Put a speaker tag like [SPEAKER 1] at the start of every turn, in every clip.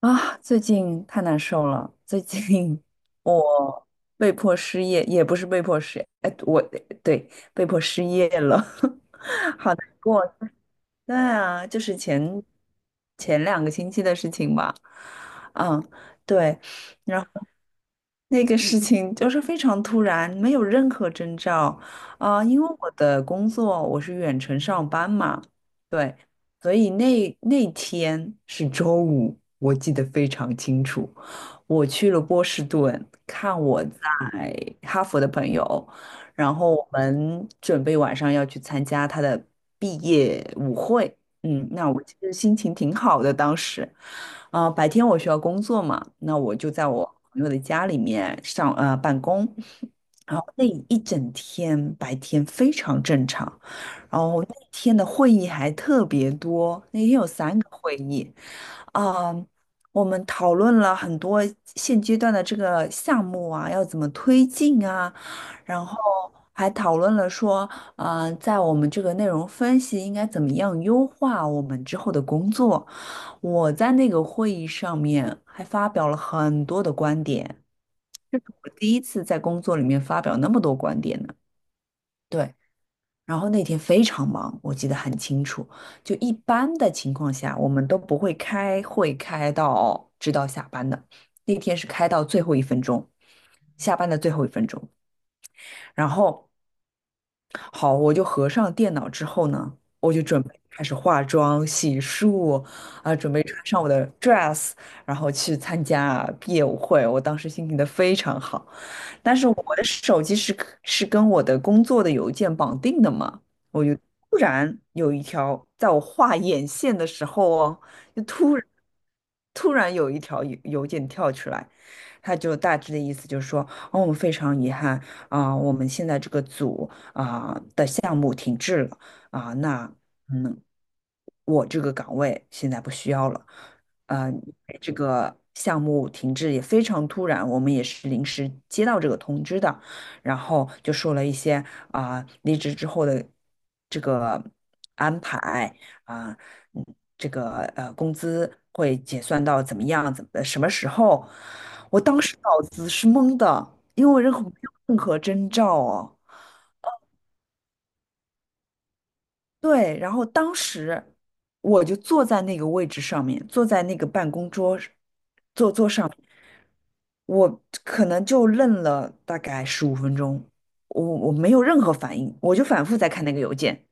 [SPEAKER 1] 啊，最近太难受了。最近我被迫失业，也不是被迫失业，哎，我对被迫失业了，好难过。对啊，就是前2个星期的事情吧。嗯，对。那个事情就是非常突然，没有任何征兆因为我的工作我是远程上班嘛，对，所以那天是周五，我记得非常清楚。我去了波士顿看我在哈佛的朋友，然后我们准备晚上要去参加他的毕业舞会。嗯，那我其实心情挺好的，当时，啊，白天我需要工作嘛，那我就在我朋友的家里面上办公。然后那一整天白天非常正常，然后那天的会议还特别多，那天有三个会议。啊，我们讨论了很多现阶段的这个项目啊，要怎么推进啊。然后还讨论了说，在我们这个内容分析应该怎么样优化我们之后的工作。我在那个会议上面还发表了很多的观点，这是我第一次在工作里面发表那么多观点呢。对。然后那天非常忙，我记得很清楚。就一般的情况下，我们都不会开会开到直到下班的。那天是开到最后一分钟，下班的最后一分钟。然后好，我就合上电脑之后呢，我就准备开始化妆、洗漱啊，准备穿上我的 dress，然后去参加毕业舞会。我当时心情的非常好，但是我的手机是跟我的工作的邮件绑定的嘛，我就突然有一条，在我画眼线的时候哦，就突然有一条邮件跳出来。他就大致的意思就是说，哦，我们非常遗憾。我们现在这个组的项目停滞了啊、那嗯，我这个岗位现在不需要了。呃，这个项目停滞也非常突然，我们也是临时接到这个通知的，然后就说了一些离职之后的这个安排啊、嗯，这个工资会结算到怎么样，什么时候？我当时脑子是懵的，因为我没有任何征兆哦。对，然后当时我就坐在那个位置上面，坐在那个办公桌上，我可能就愣了大概15分钟，我没有任何反应，我就反复在看那个邮件。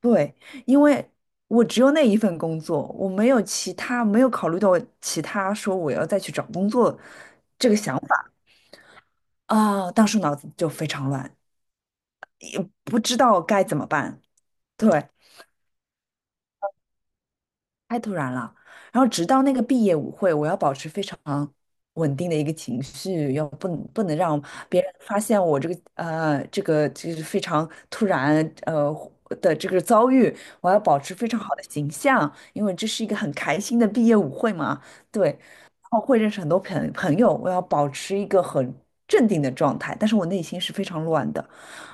[SPEAKER 1] 对，因为我只有那一份工作，我没有其他，没有考虑到其他，说我要再去找工作。啊，当时脑子就非常乱，不知道该怎么办。对，太突然了。然后直到那个毕业舞会，我要保持非常稳定的一个情绪，要不能让别人发现我这个就是非常突然呃的这个遭遇，我要保持非常好的形象，因为这是一个很开心的毕业舞会嘛，对。然后会认识很多朋友，我要保持一个很镇定的状态，但是我内心是非常乱的。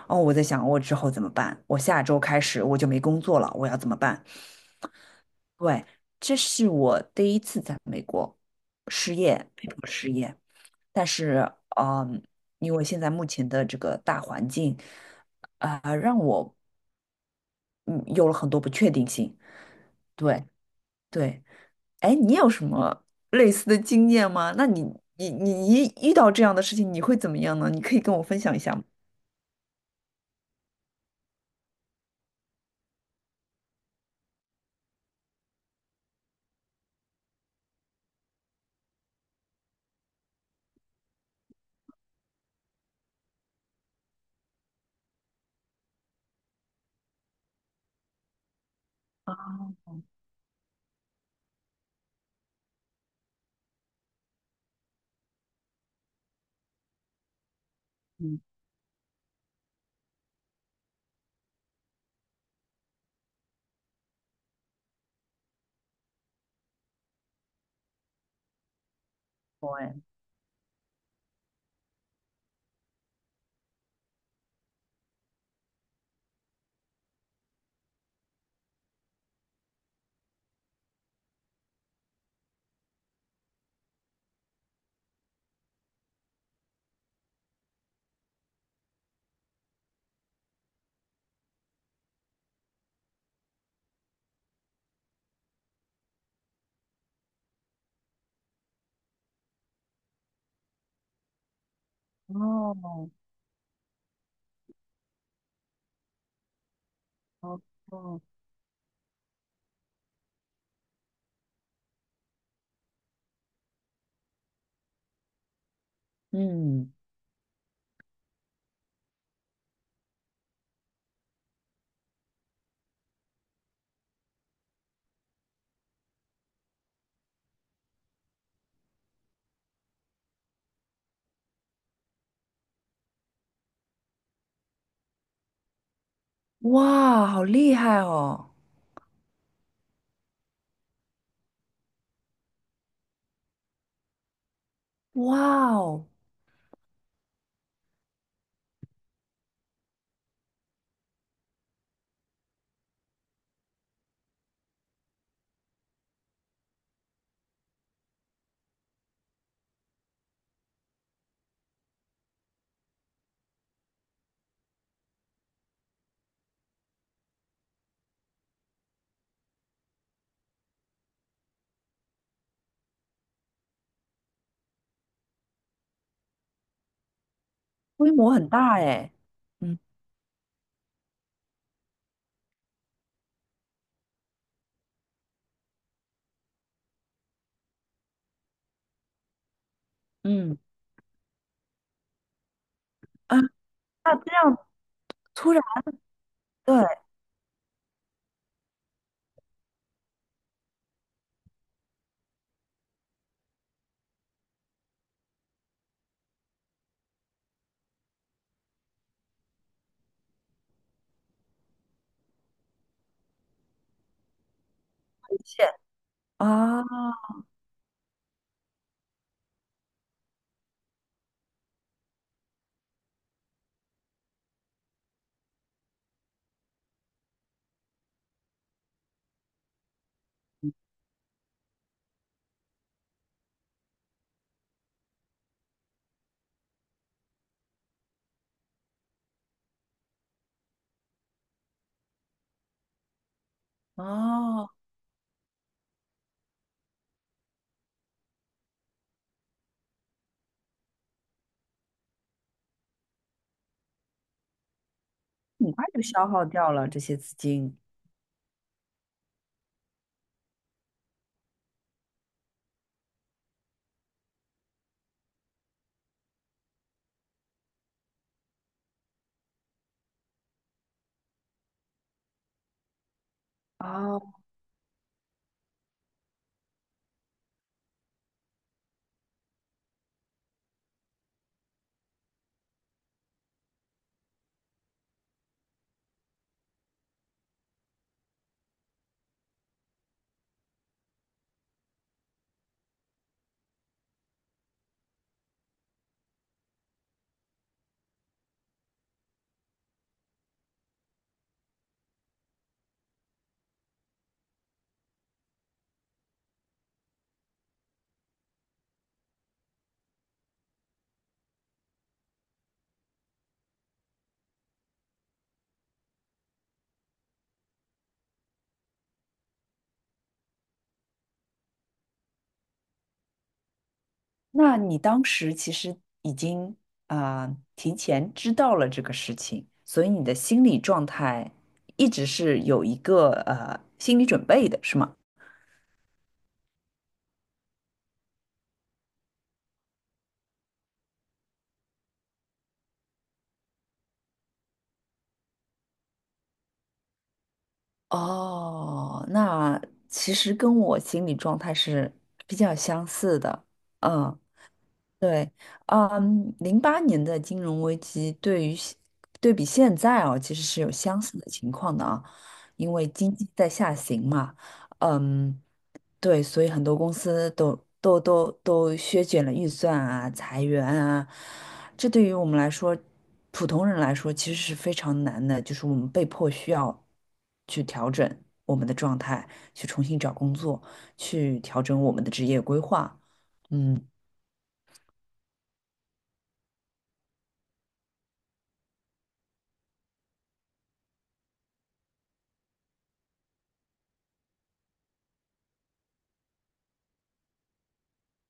[SPEAKER 1] 哦，我在想我之后怎么办？我下周开始我就没工作了，我要怎么办？对，这是我第一次在美国失业，被迫失业。但是，嗯，因为现在目前的这个大环境，让我嗯有了很多不确定性。对对，哎，你有什么类似的经验吗？那你一遇到这样的事情，你会怎么样呢？你可以跟我分享一下吗？啊，嗯，对，哦，哦，哦，嗯，哇，好厉害哦！哇哦，规模很大哎，嗯嗯，啊，那这样，突然，对，线，啊哦，很快就消耗掉了这些资金啊。那你当时其实已经啊、提前知道了这个事情，所以你的心理状态一直是有一个心理准备的，是吗？哦，那其实跟我心理状态是比较相似的，嗯。对，嗯，08年的金融危机对于现对比现在哦，其实是有相似的情况的啊，因为经济在下行嘛，嗯，对，所以很多公司都削减了预算啊，裁员啊，这对于我们来说，普通人来说其实是非常难的，就是我们被迫需要去调整我们的状态，去重新找工作，去调整我们的职业规划。嗯，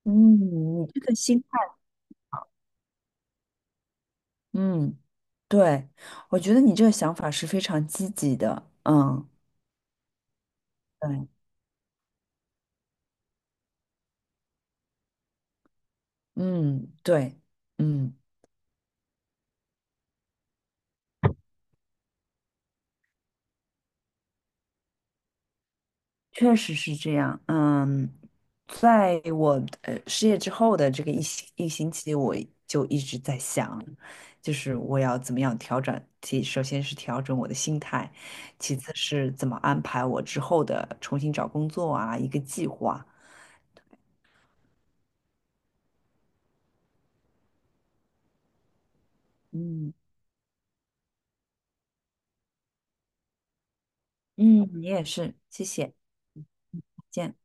[SPEAKER 1] 嗯，你这个心态，嗯，对，我觉得你这个想法是非常积极的。嗯，对，嗯，对，嗯，确实是这样。嗯，在我失业之后的这个一星期，我就一直在想，就是我要怎么样调整，首先是调整我的心态，其次是怎么安排我之后的重新找工作啊，一个计划。嗯嗯，你也是，谢谢，嗯，再见。